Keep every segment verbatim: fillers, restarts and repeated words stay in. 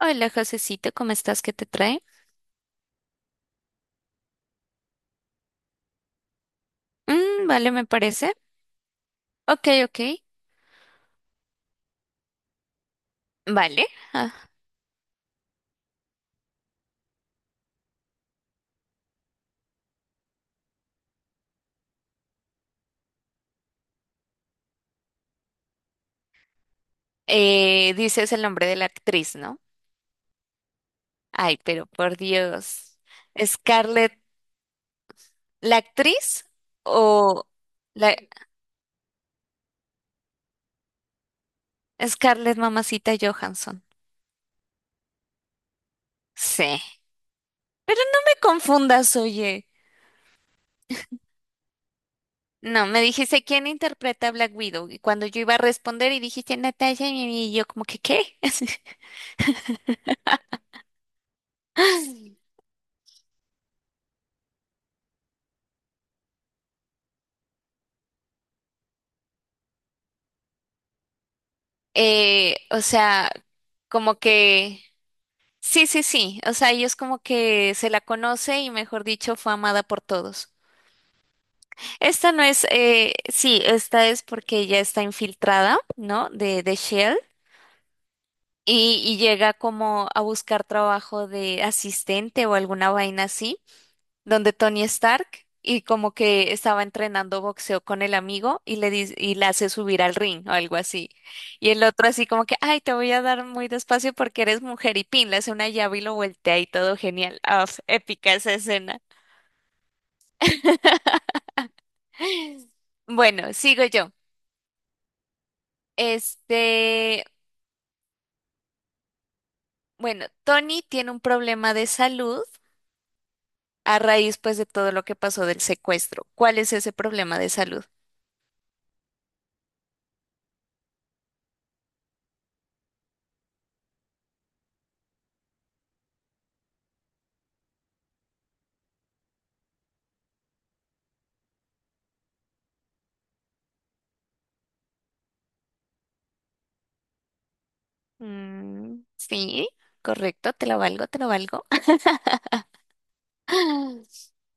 Hola, Josecito, ¿cómo estás? ¿Qué te trae? Mm, vale, me parece. Ok, ok. Vale. Ah, eh, dices el nombre de la actriz, ¿no? Ay, pero por Dios. ¿Scarlett, la actriz o la Scarlett Mamacita Johansson? Sí. Pero no me confundas, oye. No, me dijiste quién interpreta a Black Widow y cuando yo iba a responder y dijiste Natasha y yo como que ¿qué? Eh, o sea, como que sí, sí, sí. O sea, ellos como que se la conoce y mejor dicho, fue amada por todos. Esta no es, eh, sí, esta es porque ella está infiltrada, ¿no? De, de Shell y, y llega como a buscar trabajo de asistente o alguna vaina así donde Tony Stark y como que estaba entrenando boxeo con el amigo y le dice, y le hace subir al ring o algo así. Y el otro así como que, ay, te voy a dar muy despacio porque eres mujer y pin, le hace una llave y lo voltea y todo genial. Ah, épica esa escena. Bueno, sigo yo. Este, bueno, Tony tiene un problema de salud a raíz pues de todo lo que pasó del secuestro. ¿Cuál es ese problema de salud? Mm, sí, correcto, te lo valgo, te lo valgo.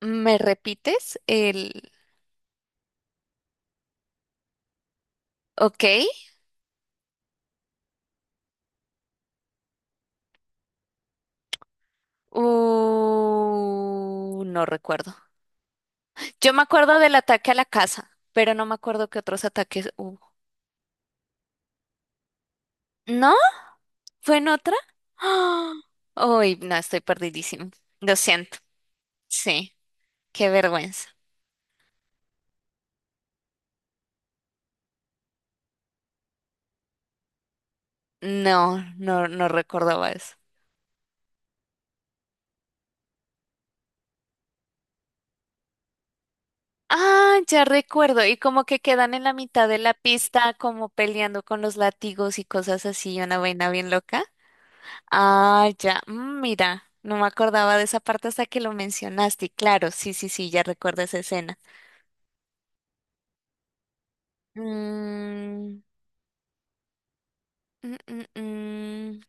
¿Me repites el ok? Uh, no recuerdo. Yo me acuerdo del ataque a la casa, pero no me acuerdo qué otros ataques hubo. ¿No? ¿Fue en otra? ¡Ah! Uy, no, estoy perdidísimo. Lo siento. Sí, qué vergüenza. No, no, no recordaba eso. Ah, ya recuerdo. Y como que quedan en la mitad de la pista, como peleando con los látigos y cosas así, una vaina bien loca. Ah, ya, mm, mira, no me acordaba de esa parte hasta que lo mencionaste. Y claro, sí, sí, sí, ya recuerdo esa escena. Mm, mm, mm, mm,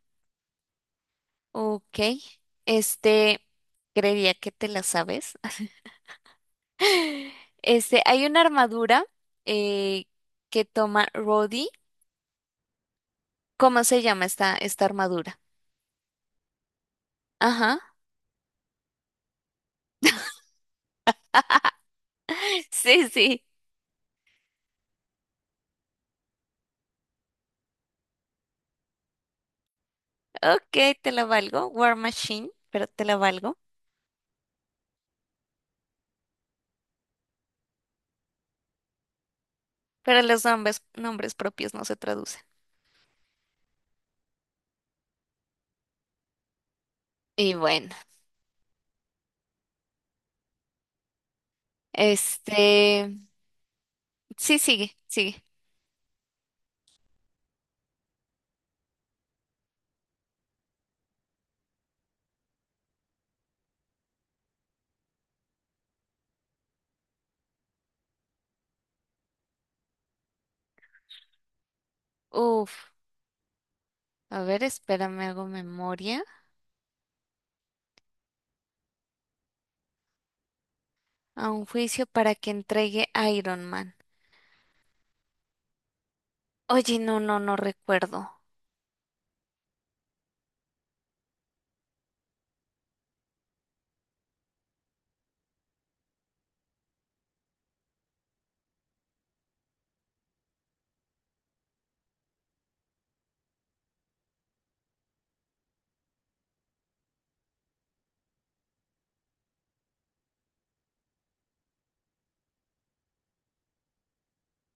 ok, este, creería que te la sabes. Este, hay una armadura eh, que toma Roddy. ¿Cómo se llama esta, esta armadura? Ajá. Sí, sí. Ok, te la valgo. War Machine, pero te la valgo. Pero los nombres, nombres propios no se traducen. Y bueno. Este, sí, sigue, sigue. Uf, a ver, espérame, hago memoria. A un juicio para que entregue a Iron Man. Oye, no, no, no recuerdo.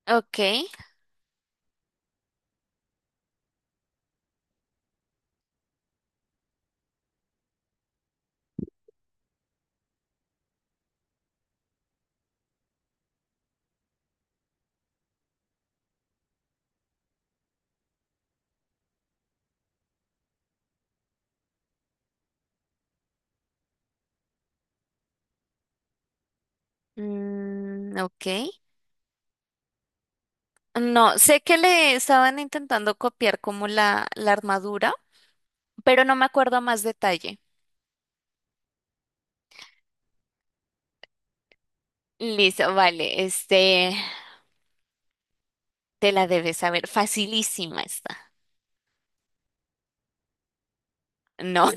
Ok, mm, ok. No, sé que le estaban intentando copiar como la, la armadura, pero no me acuerdo a más detalle. Listo, vale, este, te la debes saber. Facilísima está. No.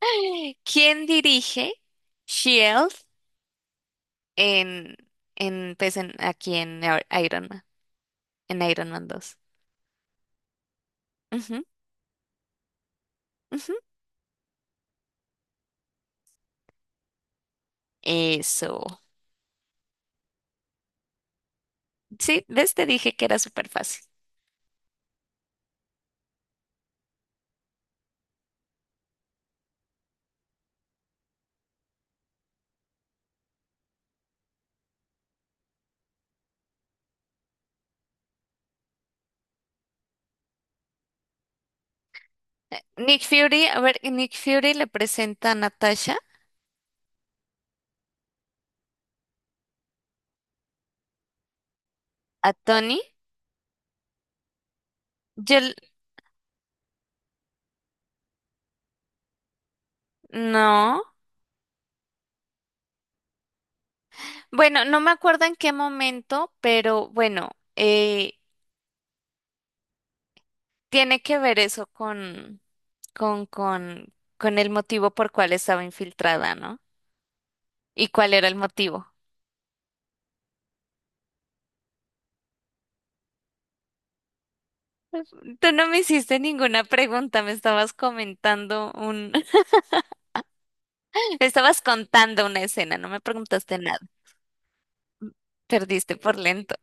¿Quién dirige? Shield en, en, pues en, aquí en Ar- Iron Man, en Iron Man dos. Ujú, ujú. Eso. Sí, ves, te dije que era súper fácil. Nick Fury, a ver, Nick Fury le presenta a Natasha, a Tony. Yo, l- no. Bueno, no me acuerdo en qué momento, pero bueno, eh, tiene que ver eso con, con, con, con el motivo por cual estaba infiltrada, ¿no? ¿Y cuál era el motivo? Tú no me hiciste ninguna pregunta, me estabas comentando un, me estabas contando una escena, no me preguntaste nada. Perdiste por lento.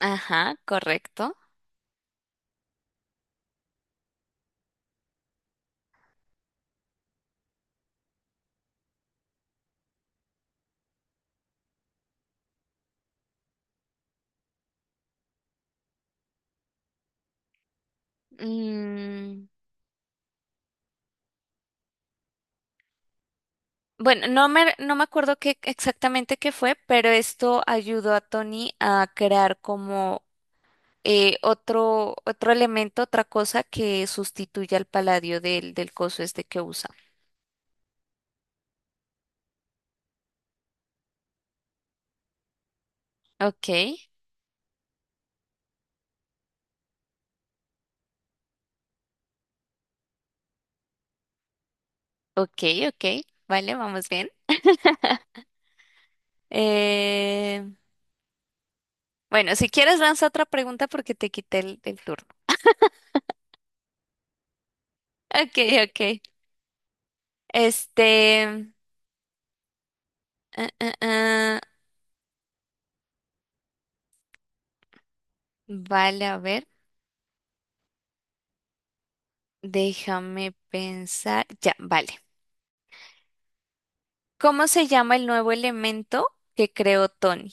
Ajá, correcto. Mm, bueno, no me, no me acuerdo qué exactamente qué fue, pero esto ayudó a Tony a crear como eh, otro, otro elemento, otra cosa que sustituya al paladio del, del coso este que usa. Ok, ok, ok. Vale, vamos bien. Eh, Bueno, si quieres lanza otra pregunta porque te quité el, el turno. Ok, ok. Este, ah, ah, ah, vale, a ver, déjame pensar. Ya, vale. ¿Cómo se llama el nuevo elemento que creó Tony?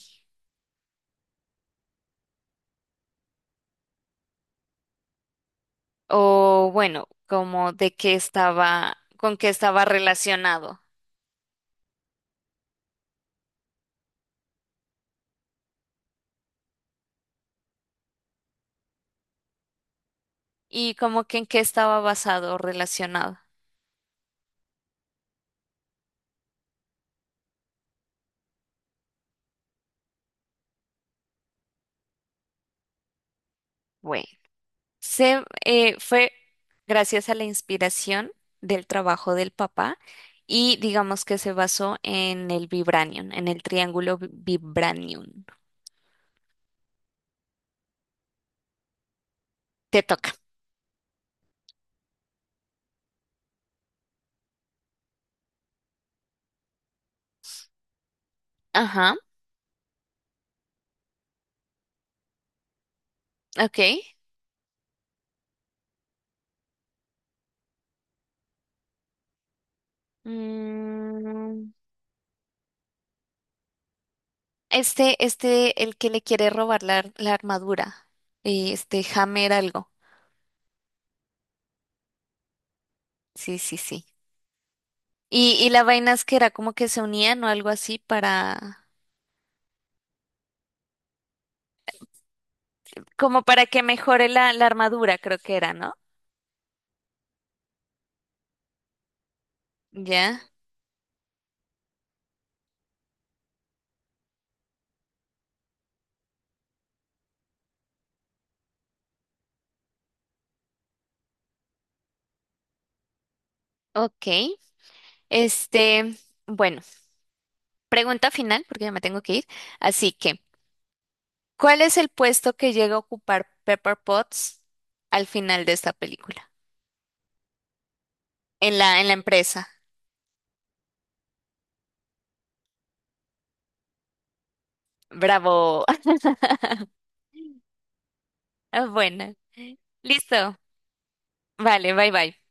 O bueno, como de qué estaba, con qué estaba relacionado y como que en qué estaba basado o relacionado. Bueno. Se, eh, fue gracias a la inspiración del trabajo del papá y digamos que se basó en el vibranium, en el triángulo vi- vibranium. Te toca. Ajá, ok. Mm, este, este, el que le quiere robar la, ar- la armadura, eh, este Hammer algo. Sí, sí, sí. Y, y la vaina es que era como que se unían o algo así para, como para que mejore la, la armadura, creo que era, ¿no? Ya, ok. Este, bueno, pregunta final, porque ya me tengo que ir. Así que, ¿cuál es el puesto que llega a ocupar Pepper Potts al final de esta película? En la, en la empresa. Bravo. Ah, bueno, listo. Vale, bye bye.